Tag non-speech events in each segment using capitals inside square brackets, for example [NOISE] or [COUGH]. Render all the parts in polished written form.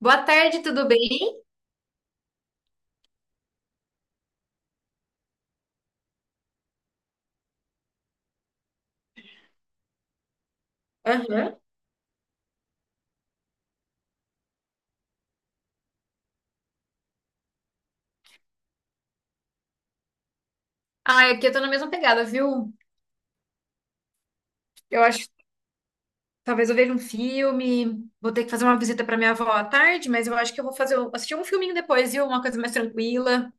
Boa tarde, tudo bem? Aham. Ah, aqui eu tô na mesma pegada, viu? Eu acho, talvez eu veja um filme, vou ter que fazer uma visita pra minha avó à tarde, mas eu acho que eu vou fazer, assistir um filminho depois, viu? Uma coisa mais tranquila.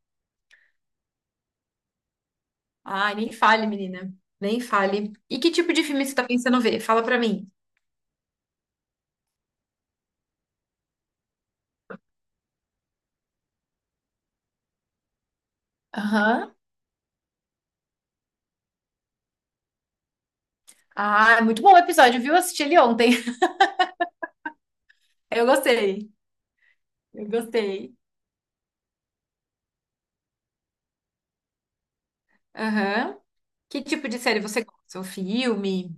Ai, nem fale, menina. Nem fale. E que tipo de filme você tá pensando ver? Fala pra mim. Aham. Ah, é muito bom o episódio, viu? Eu assisti ele ontem. [LAUGHS] Eu gostei. Eu gostei. Aham. Que tipo de série você gosta? O filme?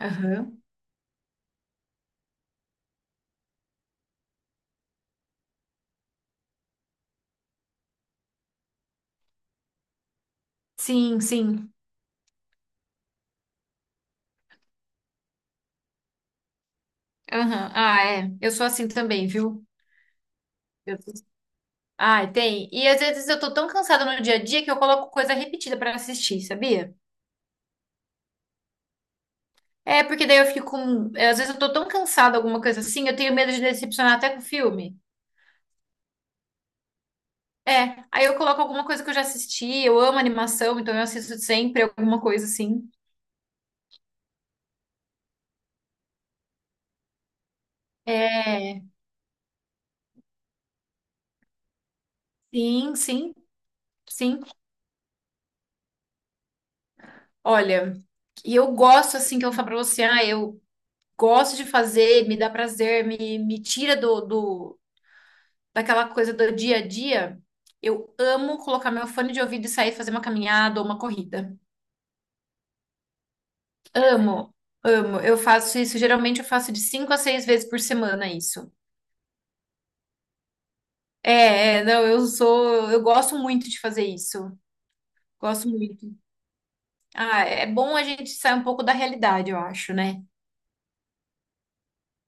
Aham. Sim, sim. Aham. Ah, é. Eu sou assim também, viu? Eu tô- Ai, tem. E às vezes eu tô tão cansada no dia a dia que eu coloco coisa repetida pra assistir, sabia? É, porque daí eu Às vezes eu tô tão cansada, alguma coisa assim, eu tenho medo de decepcionar até com o filme. É, aí eu coloco alguma coisa que eu já assisti, eu amo animação, então eu assisto sempre alguma coisa assim. É, sim, sim, sim. Olha, eu gosto assim que eu falo pra você, ah, eu gosto de fazer, me dá prazer, me tira do, daquela coisa do dia a dia, eu amo colocar meu fone de ouvido e sair fazer uma caminhada ou uma corrida. Amo, amo. Eu faço isso, geralmente eu faço de 5 a 6 vezes por semana isso. Não, eu gosto muito de fazer isso. Gosto muito. Ah, é bom a gente sair um pouco da realidade, eu acho, né?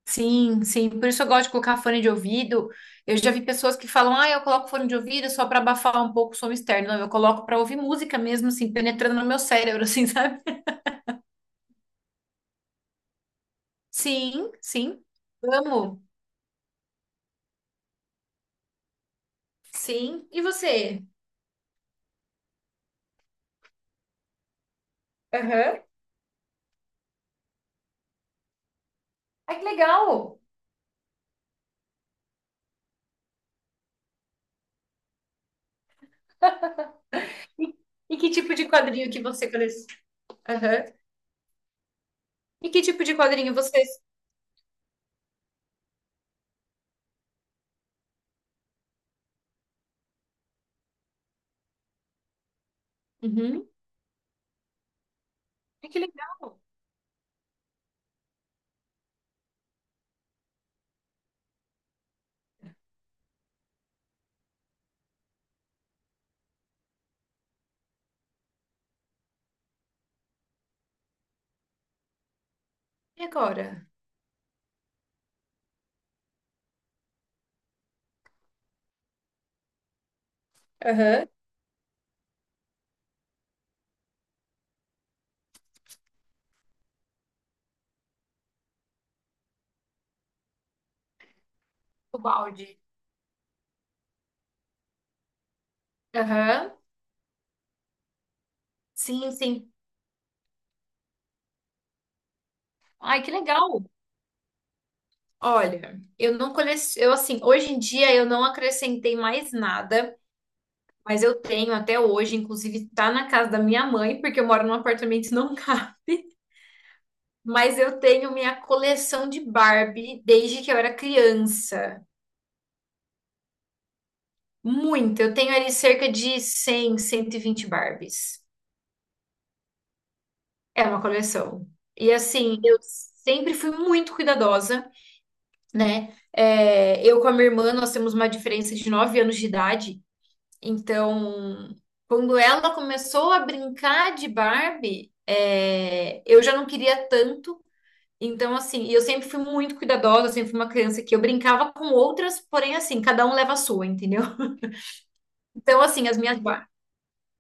Sim, sim. Por isso eu gosto de colocar fone de ouvido. Eu já vi pessoas que falam, ah, eu coloco fone de ouvido só para abafar um pouco o som externo. Não, eu coloco para ouvir música mesmo, assim, penetrando no meu cérebro, assim, [LAUGHS] sabe? Sim, sim. Amo. Sim. E você? Aham. Ai, que legal. E, e que tipo de quadrinho que você coleciona? Aham. E que tipo de quadrinho vocês? Uhum. Ai, que legal. E agora? Aham. O balde. Aham. Sim, sim. Ai, que legal. Olha, eu não coleciono, eu assim, hoje em dia eu não acrescentei mais nada, mas eu tenho até hoje, inclusive tá na casa da minha mãe, porque eu moro num apartamento não. [LAUGHS] Mas eu tenho minha coleção de Barbie desde que eu era criança. Muito. Eu tenho ali cerca de 100, 120 Barbies. É uma coleção. E assim, eu sempre fui muito cuidadosa, né? É, eu com a minha irmã, nós temos uma diferença de 9 anos de idade. Então, quando ela começou a brincar de Barbie, é, eu já não queria tanto. Então, assim, eu sempre fui muito cuidadosa, eu sempre fui uma criança que eu brincava com outras, porém, assim, cada um leva a sua, entendeu? [LAUGHS] Então, assim,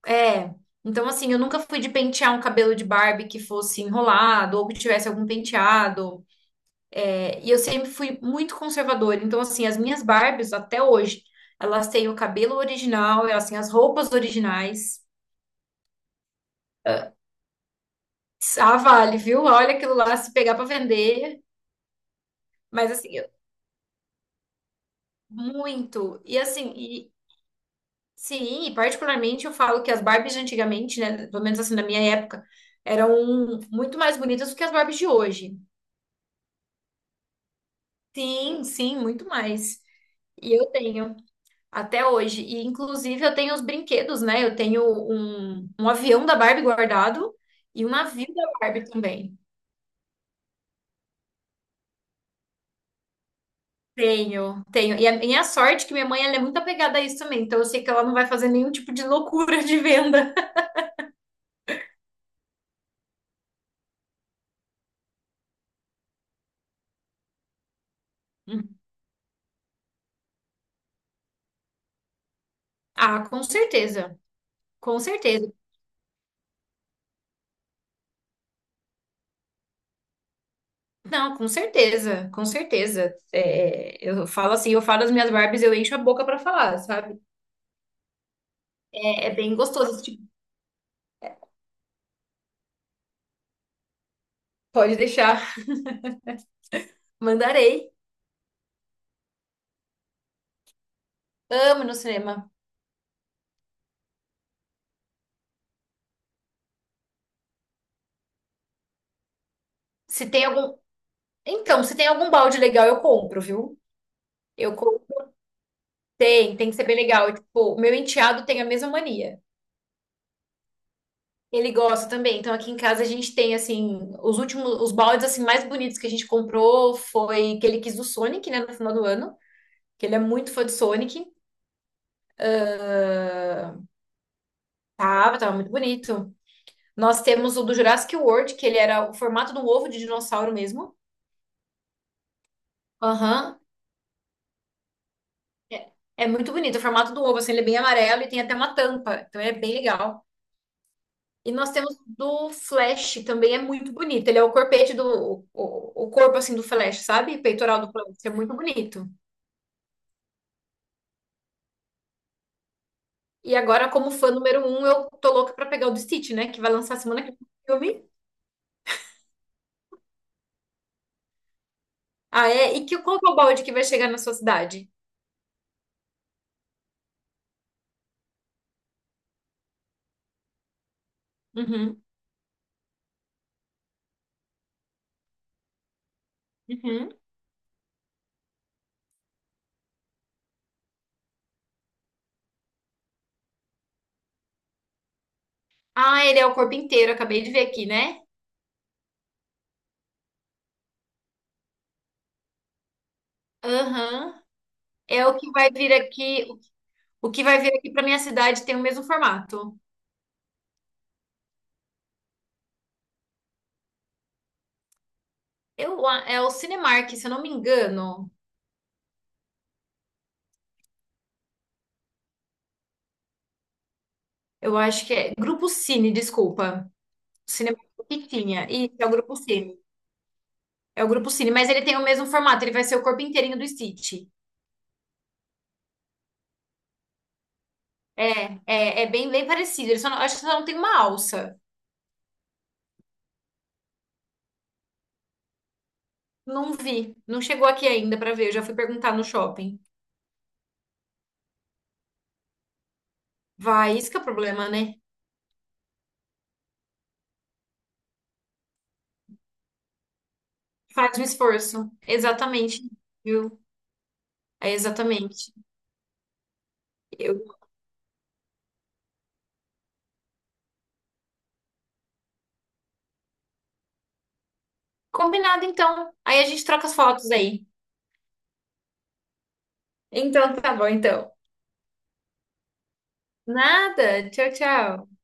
É. Então, assim, eu nunca fui de pentear um cabelo de Barbie que fosse enrolado ou que tivesse algum penteado. É, e eu sempre fui muito conservadora. Então, assim, as minhas Barbies, até hoje, elas têm o cabelo original, elas têm as roupas originais. Ah, vale, viu? Olha aquilo lá se pegar pra vender. Mas, assim, eu- muito. E, assim, sim, e particularmente eu falo que as Barbies de antigamente, né, pelo menos assim na minha época, eram muito mais bonitas do que as Barbies de hoje. Sim, sim, muito mais. E eu tenho até hoje. E inclusive eu tenho os brinquedos, né? Eu tenho um avião da Barbie guardado e um navio da Barbie também. Tenho, tenho. E a minha sorte é que minha mãe ela é muito apegada a isso também, então eu sei que ela não vai fazer nenhum tipo de loucura de venda. [LAUGHS] Hum. Ah, com certeza. Com certeza. Não, com certeza, com certeza. É, eu falo assim, eu falo as minhas Barbies, eu encho a boca pra falar, sabe? É, é bem gostoso esse tipo. Pode deixar. Mandarei. Amo ir no cinema. Se tem algum. Então, se tem algum balde legal, eu compro, viu? Eu compro. Tem, tem que ser bem legal. Tipo, meu enteado tem a mesma mania. Ele gosta também. Então, aqui em casa a gente tem, assim, os últimos, os baldes, assim, mais bonitos que a gente comprou foi que ele quis do Sonic, né, no final do ano. Que ele é muito fã de Sonic. Tava, tava muito bonito. Nós temos o do Jurassic World, que ele era o formato de um ovo de dinossauro mesmo. Aham. É muito bonito. O formato do ovo, assim, ele é bem amarelo e tem até uma tampa. Então ele é bem legal. E nós temos do Flash, também é muito bonito. Ele é o corpete do... o corpo, assim, do Flash, sabe? Peitoral do Flash. É muito bonito. E agora, como fã número 1, eu tô louca pra pegar o do Stitch, né? Que vai lançar semana que vem o filme. Ah, é? Qual que é o balde que vai chegar na sua cidade? Uhum. Uhum. Ah, ele é o corpo inteiro. Acabei de ver aqui, né? Aham. É o que vai vir aqui, o que vai vir aqui para minha cidade tem o mesmo formato. É o Cinemark, se eu não me engano. Eu acho que é Grupo Cine, desculpa. O Cinemark que tinha. Isso, é o Grupo Cine. É o Grupo Cine, mas ele tem o mesmo formato, ele vai ser o corpo inteirinho do Stitch. É, é bem, bem parecido. Ele só não- acho que só não tem uma alça. Não vi, não chegou aqui ainda para ver. Eu já fui perguntar no shopping. Vai, isso que é o problema, né? Faz um esforço. Exatamente, viu? É exatamente. Combinado, então. Aí a gente troca as fotos aí. Então tá bom, então. Nada. Tchau, tchau.